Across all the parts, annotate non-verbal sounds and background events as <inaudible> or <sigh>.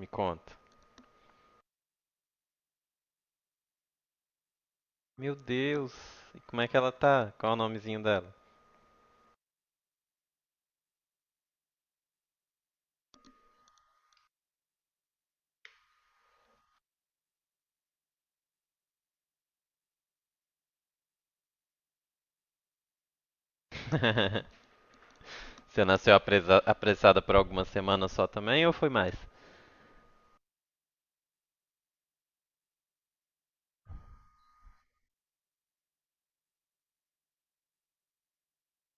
Me conta. Meu Deus, e como é que ela tá? Qual é o nomezinho dela? <laughs> Você nasceu apressada por algumas semanas só também ou foi mais?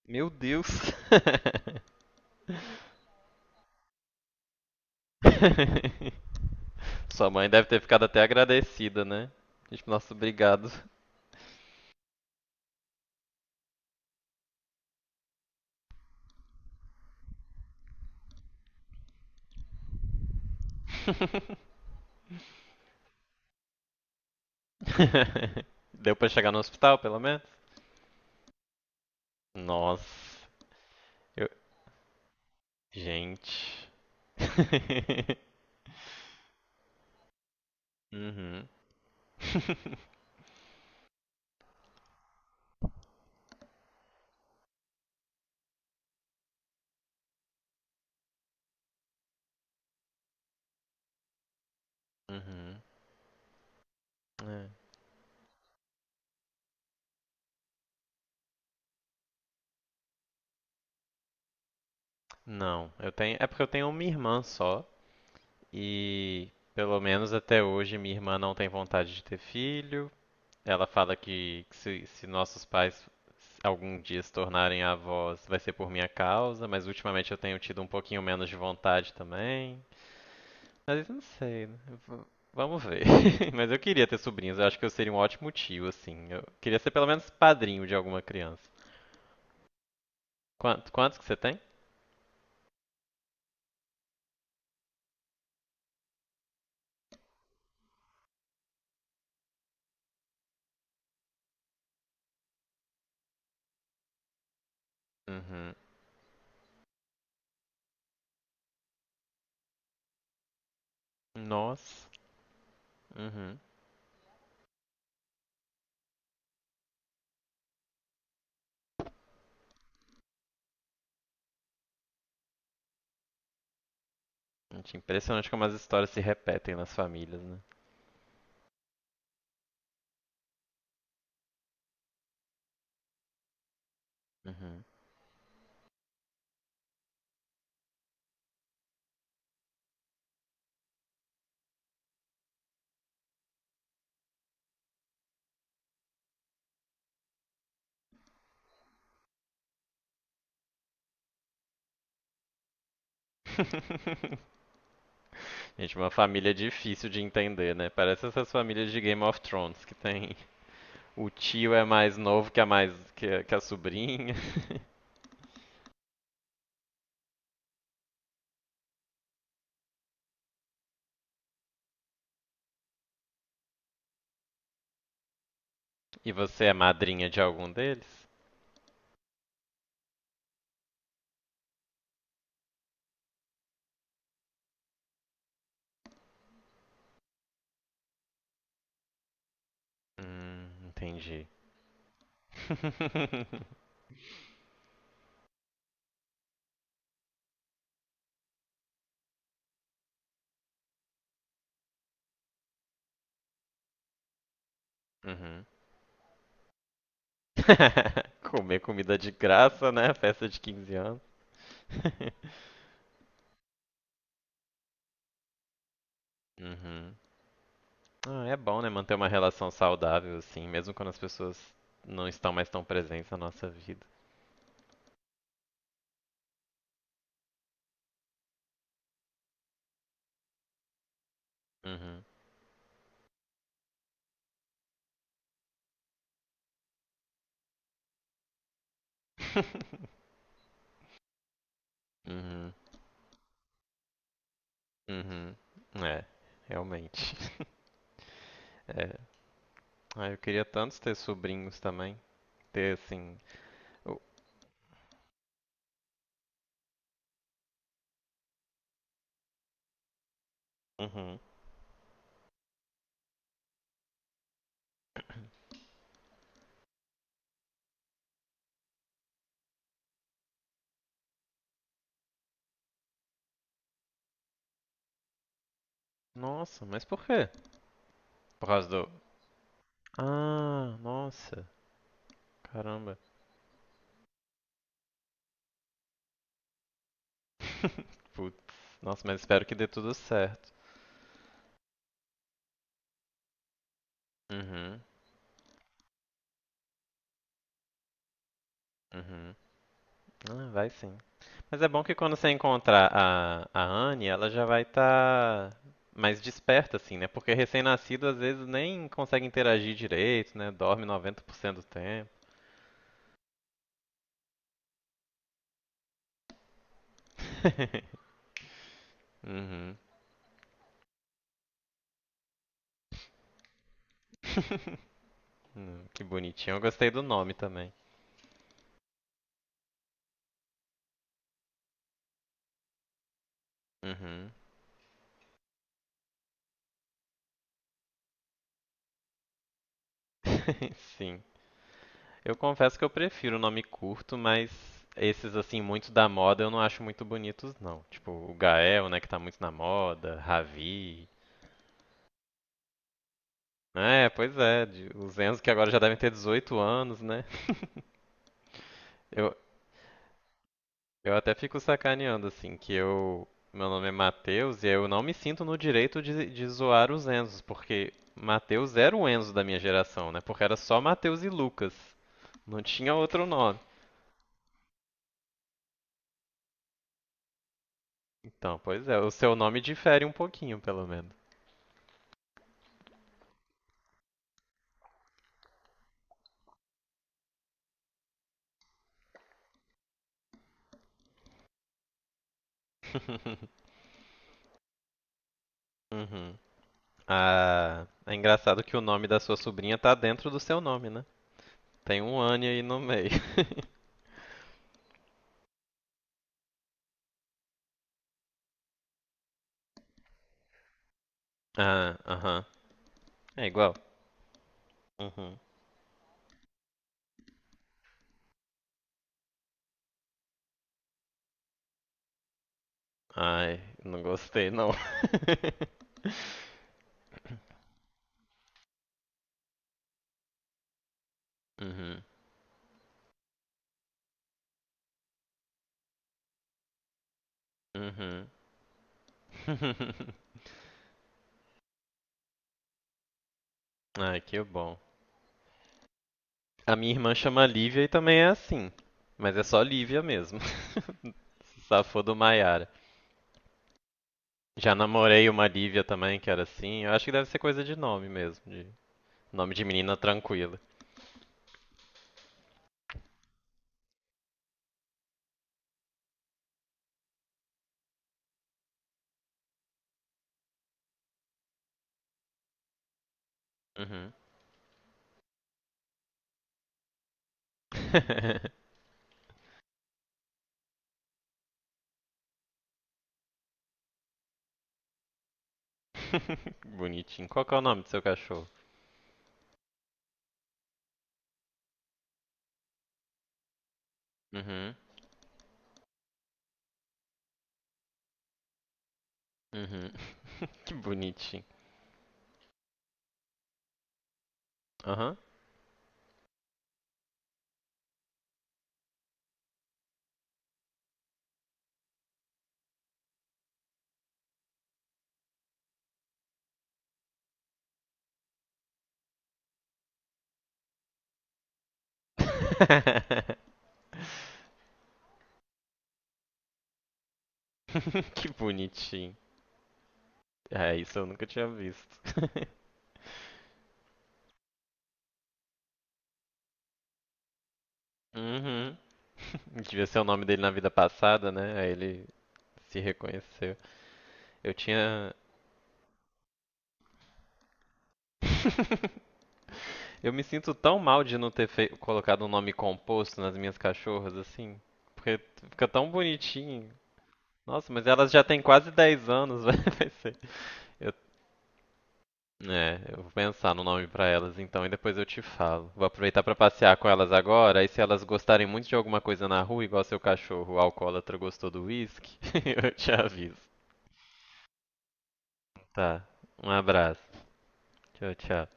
Meu Deus! <laughs> Sua mãe deve ter ficado até agradecida, né? Tipo, nossa, obrigado. <laughs> Deu pra chegar no hospital, pelo menos? Nossa, eu. Gente. <laughs> Uhum. <laughs> Uhum. É. Não, eu tenho. É porque eu tenho uma irmã só. E pelo menos até hoje minha irmã não tem vontade de ter filho. Ela fala que, se nossos pais algum dia se tornarem avós vai ser por minha causa, mas ultimamente eu tenho tido um pouquinho menos de vontade também. Mas não sei, né? V- Vamos ver. <laughs> Mas eu queria ter sobrinhos, eu acho que eu seria um ótimo tio, assim. Eu queria ser pelo menos padrinho de alguma criança. Quantos que você tem? Uhum. Nossa. Uhum. Gente, impressionante como as histórias se repetem nas famílias, né? Uhum. <laughs> Gente, uma família difícil de entender, né? Parece essas famílias de Game of Thrones que tem o tio é mais novo que a mais que a sobrinha. <laughs> E você é madrinha de algum deles? Entendi. <laughs> Uhum. <laughs> Comer comida de graça, né? Festa de 15 anos. <laughs> Uhum. Ah, é bom, né? Manter uma relação saudável assim, mesmo quando as pessoas não estão mais tão presentes na nossa vida. Uhum. <laughs> Uhum. Uhum. É, realmente. É. Ah, eu queria tanto ter sobrinhos também. Ter assim. o- Uhum. Nossa, mas por quê? Por causa do. Ah, nossa. Caramba. <laughs> Putz. Nossa, mas espero que dê tudo certo. Uhum. Uhum. Ah, vai sim. Mas é bom que quando você encontrar a Anne, ela já vai estar mais desperta, assim, né? Porque recém-nascido às vezes nem consegue interagir direito, né? Dorme 90% do tempo. <laughs> Que bonitinho. Eu gostei do nome também. Uhum. <laughs> Sim. Eu confesso que eu prefiro o nome curto, mas esses, assim, muito da moda eu não acho muito bonitos, não. Tipo, o Gael, né, que tá muito na moda, Ravi. É, pois é, os Enzo que agora já devem ter 18 anos, né? Eu, eu até fico sacaneando, assim, que eu. Meu nome é Matheus e eu não me sinto no direito de zoar os Enzos, porque Matheus era o Enzo da minha geração, né? Porque era só Matheus e Lucas. Não tinha outro nome. Então, pois é, o seu nome difere um pouquinho, pelo menos. <laughs> Uhum. Ah, é engraçado que o nome da sua sobrinha tá dentro do seu nome, né? Tem um Anne aí no meio. <laughs> Ah, aham. É igual. Uhum. Ai, não gostei não. <laughs> Uhum. Uhum. <laughs> Ai, que bom. A minha irmã chama Lívia e também é assim. Mas é só Lívia mesmo. <laughs> Se safou do Maiara. Já namorei uma Lívia também, que era assim. Eu acho que deve ser coisa de nome mesmo, de nome de menina tranquila. Uhum. <laughs> Bonitinho. Qual que é o nome do seu cachorro? Uhum. Uhum. Boni... Aham. <laughs> Que bonitinho. É, isso eu nunca tinha visto. <laughs> Uhum. Devia ser o nome dele na vida passada, né? Aí ele se reconheceu. Eu tinha. <laughs> Eu me sinto tão mal de não ter colocado um nome composto nas minhas cachorras, assim. Porque fica tão bonitinho. Nossa, mas elas já têm quase 10 anos, <laughs> vai ser- eu, é, eu vou pensar no nome pra elas então e depois eu te falo. Vou aproveitar pra passear com elas agora, aí se elas gostarem muito de alguma coisa na rua, igual seu cachorro, o alcoólatra gostou do whisky, <laughs> eu te aviso. Tá. Um abraço. Tchau, tchau.